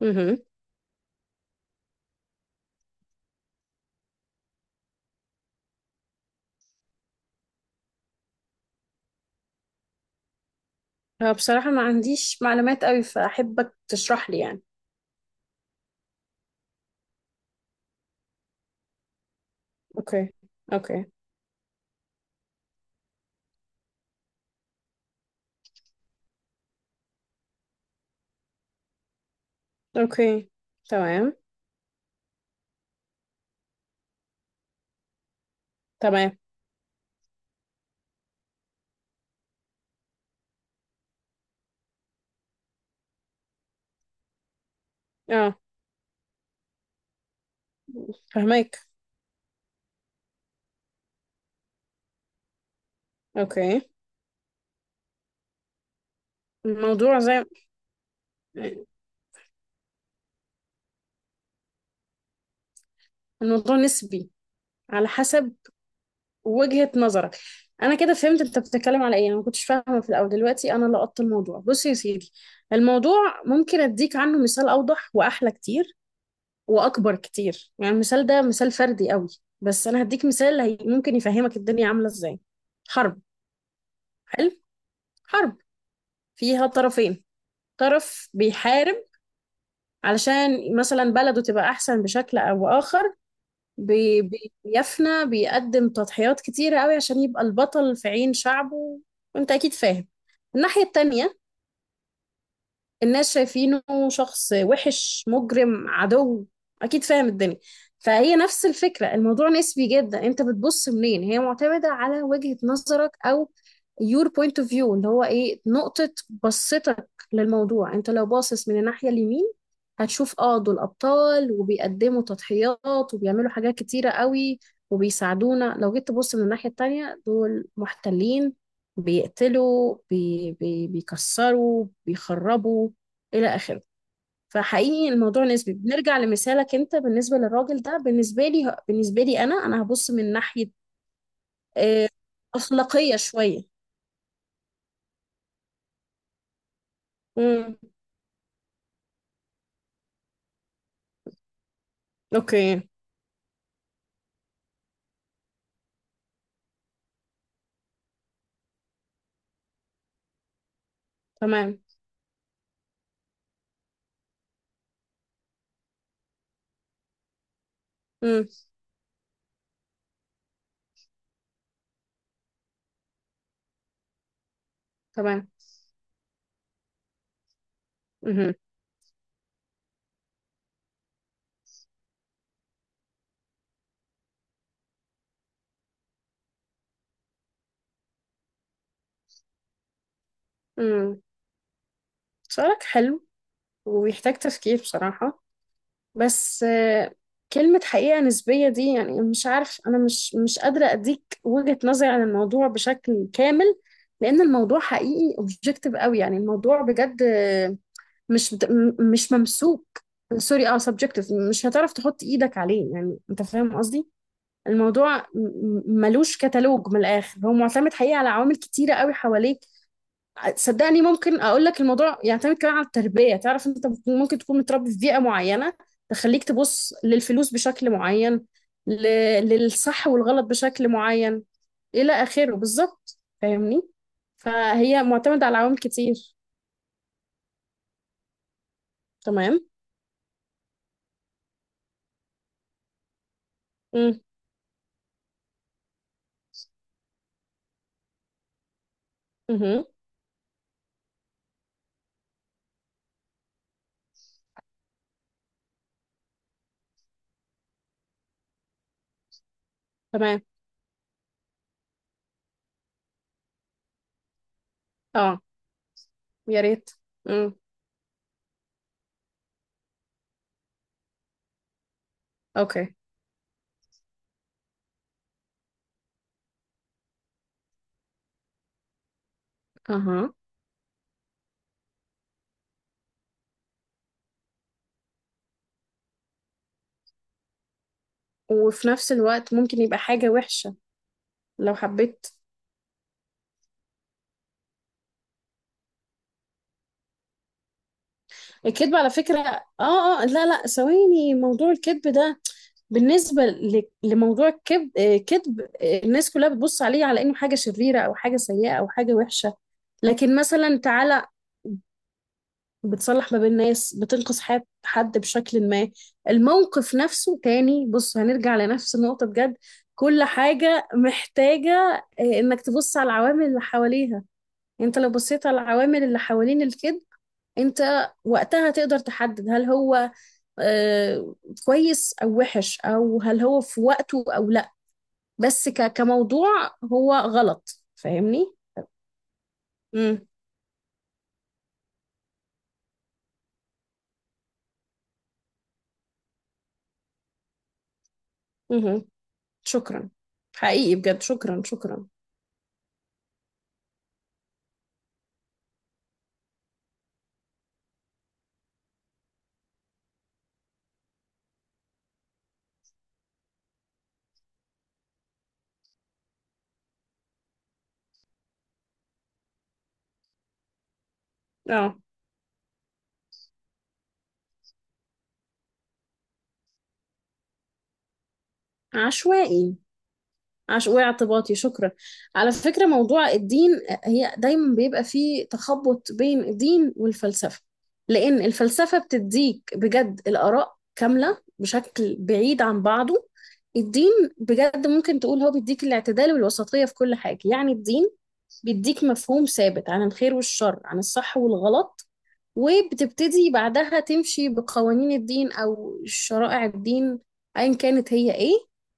مهم. هو بصراحة ما عنديش معلومات قوي فأحبك تشرح لي يعني. اوكي، اوكي، اوكي. تمام. تمام. اه، فهمك. اوكي. الموضوع زي، الموضوع نسبي، على حسب وجهة نظرك. انا كده فهمت انت بتتكلم على ايه، انا ما كنتش فاهمة في الاول، دلوقتي انا لقطت الموضوع. بص يا سيدي، الموضوع ممكن اديك عنه مثال اوضح واحلى كتير واكبر كتير. يعني المثال ده مثال فردي قوي، بس انا هديك مثال ممكن يفهمك الدنيا عاملة ازاي. حرب. حلو. حرب فيها طرفين، طرف بيحارب علشان مثلا بلده تبقى أحسن بشكل أو آخر، بيفنى، بيقدم تضحيات كتيرة قوي عشان يبقى البطل في عين شعبه. وانت أكيد فاهم الناحية التانية، الناس شايفينه شخص وحش، مجرم، عدو. اكيد فاهم الدنيا. فهي نفس الفكرة، الموضوع نسبي جدا. انت بتبص منين؟ هي معتمدة على وجهة نظرك، او your point of view، اللي هو ايه نقطة بصتك للموضوع. انت لو باصص من الناحية اليمين هتشوف اه دول ابطال وبيقدموا تضحيات وبيعملوا حاجات كتيرة قوي وبيساعدونا. لو جيت تبص من الناحية التانية، دول محتلين، بيقتلوا، بي بي بيكسروا، بيخربوا، الى اخره. فحقيقي الموضوع نسبي. بنرجع لمثالك انت، بالنسبه للراجل ده، بالنسبه لي، بالنسبه لي انا، هبص من ناحيه آه، اخلاقيه شويه. امم. اوكي. تمام. امم. تمام. امم. امم. سؤالك حلو ويحتاج تفكير بصراحه. بس كلمه حقيقه نسبيه دي، يعني مش عارف، انا مش قادره اديك وجهه نظري عن الموضوع بشكل كامل، لان الموضوع حقيقي اوبجكتيف قوي. يعني الموضوع بجد مش بت- م- مش ممسوك. سوري، اه، سبجكتيف. مش هتعرف تحط ايدك عليه، يعني انت فاهم قصدي. الموضوع ملوش كتالوج، من الاخر هو معتمد حقيقي على عوامل كتيره قوي حواليك. صدقني ممكن اقول لك الموضوع يعتمد كمان على التربيه. تعرف، انت ممكن تكون متربي في بيئه معينه تخليك تبص للفلوس بشكل معين، ل... للصح والغلط بشكل معين، الى اخره. بالظبط، فاهمني؟ فهي معتمده على عوامل كتير. تمام. امم. تمام. اه. يا ريت. امم. اوكي. اها. وفي نفس الوقت ممكن يبقى حاجة وحشة، لو حبيت. الكذب على فكرة، اه اه لا لا، ثواني، موضوع الكذب ده، بالنسبة لموضوع الكذب، كذب، الناس كلها بتبص عليه على انه حاجة شريرة او حاجة سيئة او حاجة وحشة، لكن مثلا تعالى، بتصلح ما بين ناس، بتنقذ حياة حد بشكل ما. الموقف نفسه تاني، بص هنرجع لنفس النقطة بجد، كل حاجة محتاجة انك تبص على العوامل اللي حواليها. انت لو بصيت على العوامل اللي حوالين الكذب، انت وقتها تقدر تحدد هل هو آه، كويس او وحش، او هل هو في وقته او لا. بس كموضوع هو غلط، فاهمني؟ امم. شكرا، حقيقي بجد، شكرا شكرا. اه. عشوائي. عش واعتباطي، شكرا. على فكرة موضوع الدين، هي دايما بيبقى فيه تخبط بين الدين والفلسفة. لأن الفلسفة بتديك بجد الآراء كاملة بشكل بعيد عن بعضه. الدين بجد ممكن تقول هو بيديك الاعتدال والوسطية في كل حاجة. يعني الدين بيديك مفهوم ثابت عن الخير والشر، عن الصح والغلط، وبتبتدي بعدها تمشي بقوانين الدين أو شرائع الدين أيا كانت هي إيه،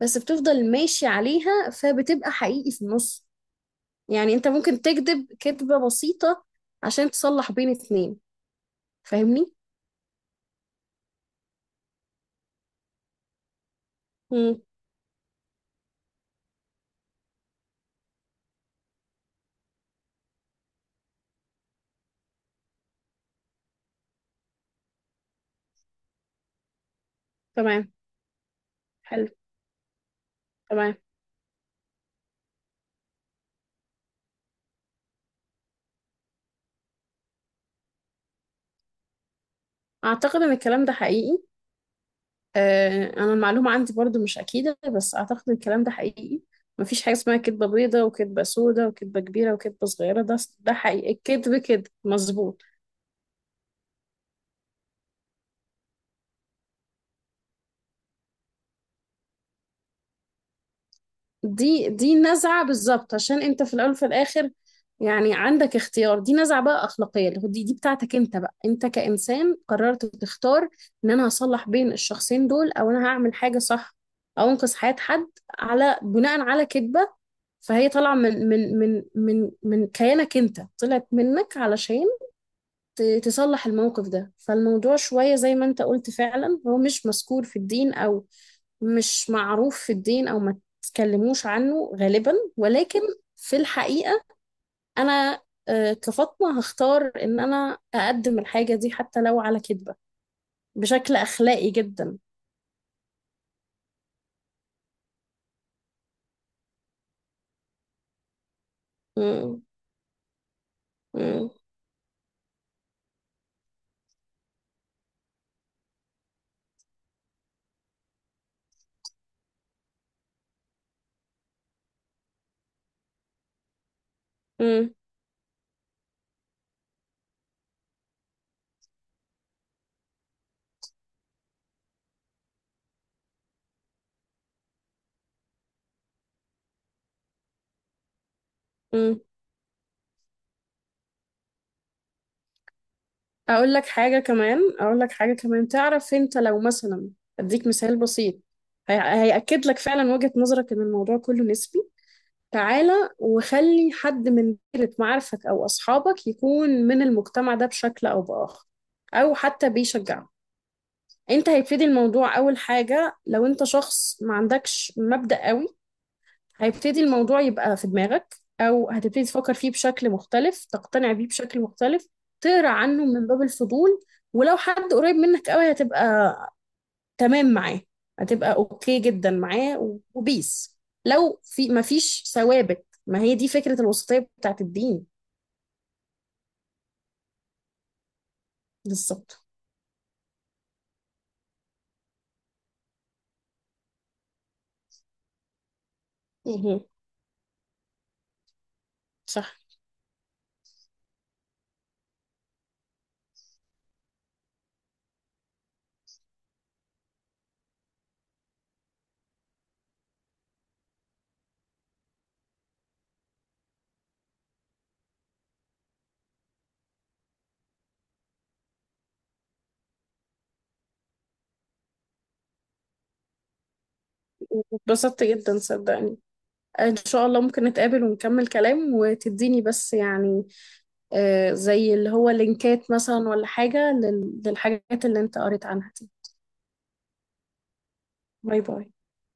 بس بتفضل ماشي عليها فبتبقى حقيقي في النص. يعني أنت ممكن تكذب كذبة بسيطة عشان تصلح بين اتنين، فاهمني؟ مم. تمام. حلو. تمام. أعتقد إن الكلام ده حقيقي. آه، أنا المعلومة عندي برضو مش أكيدة، بس أعتقد إن الكلام ده حقيقي. مفيش حاجة اسمها كدبة بيضة وكدبة سودة وكدبة كبيرة وكدبة صغيرة. ده حقيقي، الكدب كده مظبوط. دي نزعة، بالظبط. عشان انت في الاول وفي الاخر يعني عندك اختيار. دي نزعة بقى اخلاقية، اللي هو دي بتاعتك انت بقى، انت كإنسان قررت تختار ان انا هصلح بين الشخصين دول، او انا هعمل حاجة صح، او انقذ حياة حد على بناء على كذبة. فهي طالعة من كيانك انت، طلعت منك علشان تصلح الموقف ده. فالموضوع شوية زي ما انت قلت فعلا، هو مش مذكور في الدين او مش معروف في الدين او ما تتكلموش عنه غالبا، ولكن في الحقيقة انا كفاطمة هختار ان انا اقدم الحاجة دي حتى لو على كذبة، بشكل اخلاقي جدا. مم. مم. مم. مم. اقول لك حاجة كمان، اقول لك حاجة كمان. تعرف انت لو مثلا اديك مثال بسيط، هيأكد لك فعلا وجهة نظرك ان الموضوع كله نسبي. تعالى وخلي حد من دايرة معارفك أو أصحابك يكون من المجتمع ده بشكل أو بآخر، أو حتى بيشجعه. أنت هيبتدي الموضوع، أول حاجة لو أنت شخص ما عندكش مبدأ قوي، هيبتدي الموضوع يبقى في دماغك، أو هتبتدي تفكر فيه بشكل مختلف، تقتنع بيه بشكل مختلف، تقرأ عنه من باب الفضول. ولو حد قريب منك قوي، هتبقى تمام معاه، هتبقى اوكي جدا معاه، وبيس. لو في، ما فيش ثوابت. ما هي دي فكرة الوسطية بتاعت الدين، بالظبط. مهم. صح. اتبسطت جدا صدقني. ان شاء الله ممكن نتقابل ونكمل كلام، وتديني بس يعني آه زي اللي هو لينكات مثلا ولا حاجة للحاجات اللي انت قريت عنها دي. باي باي.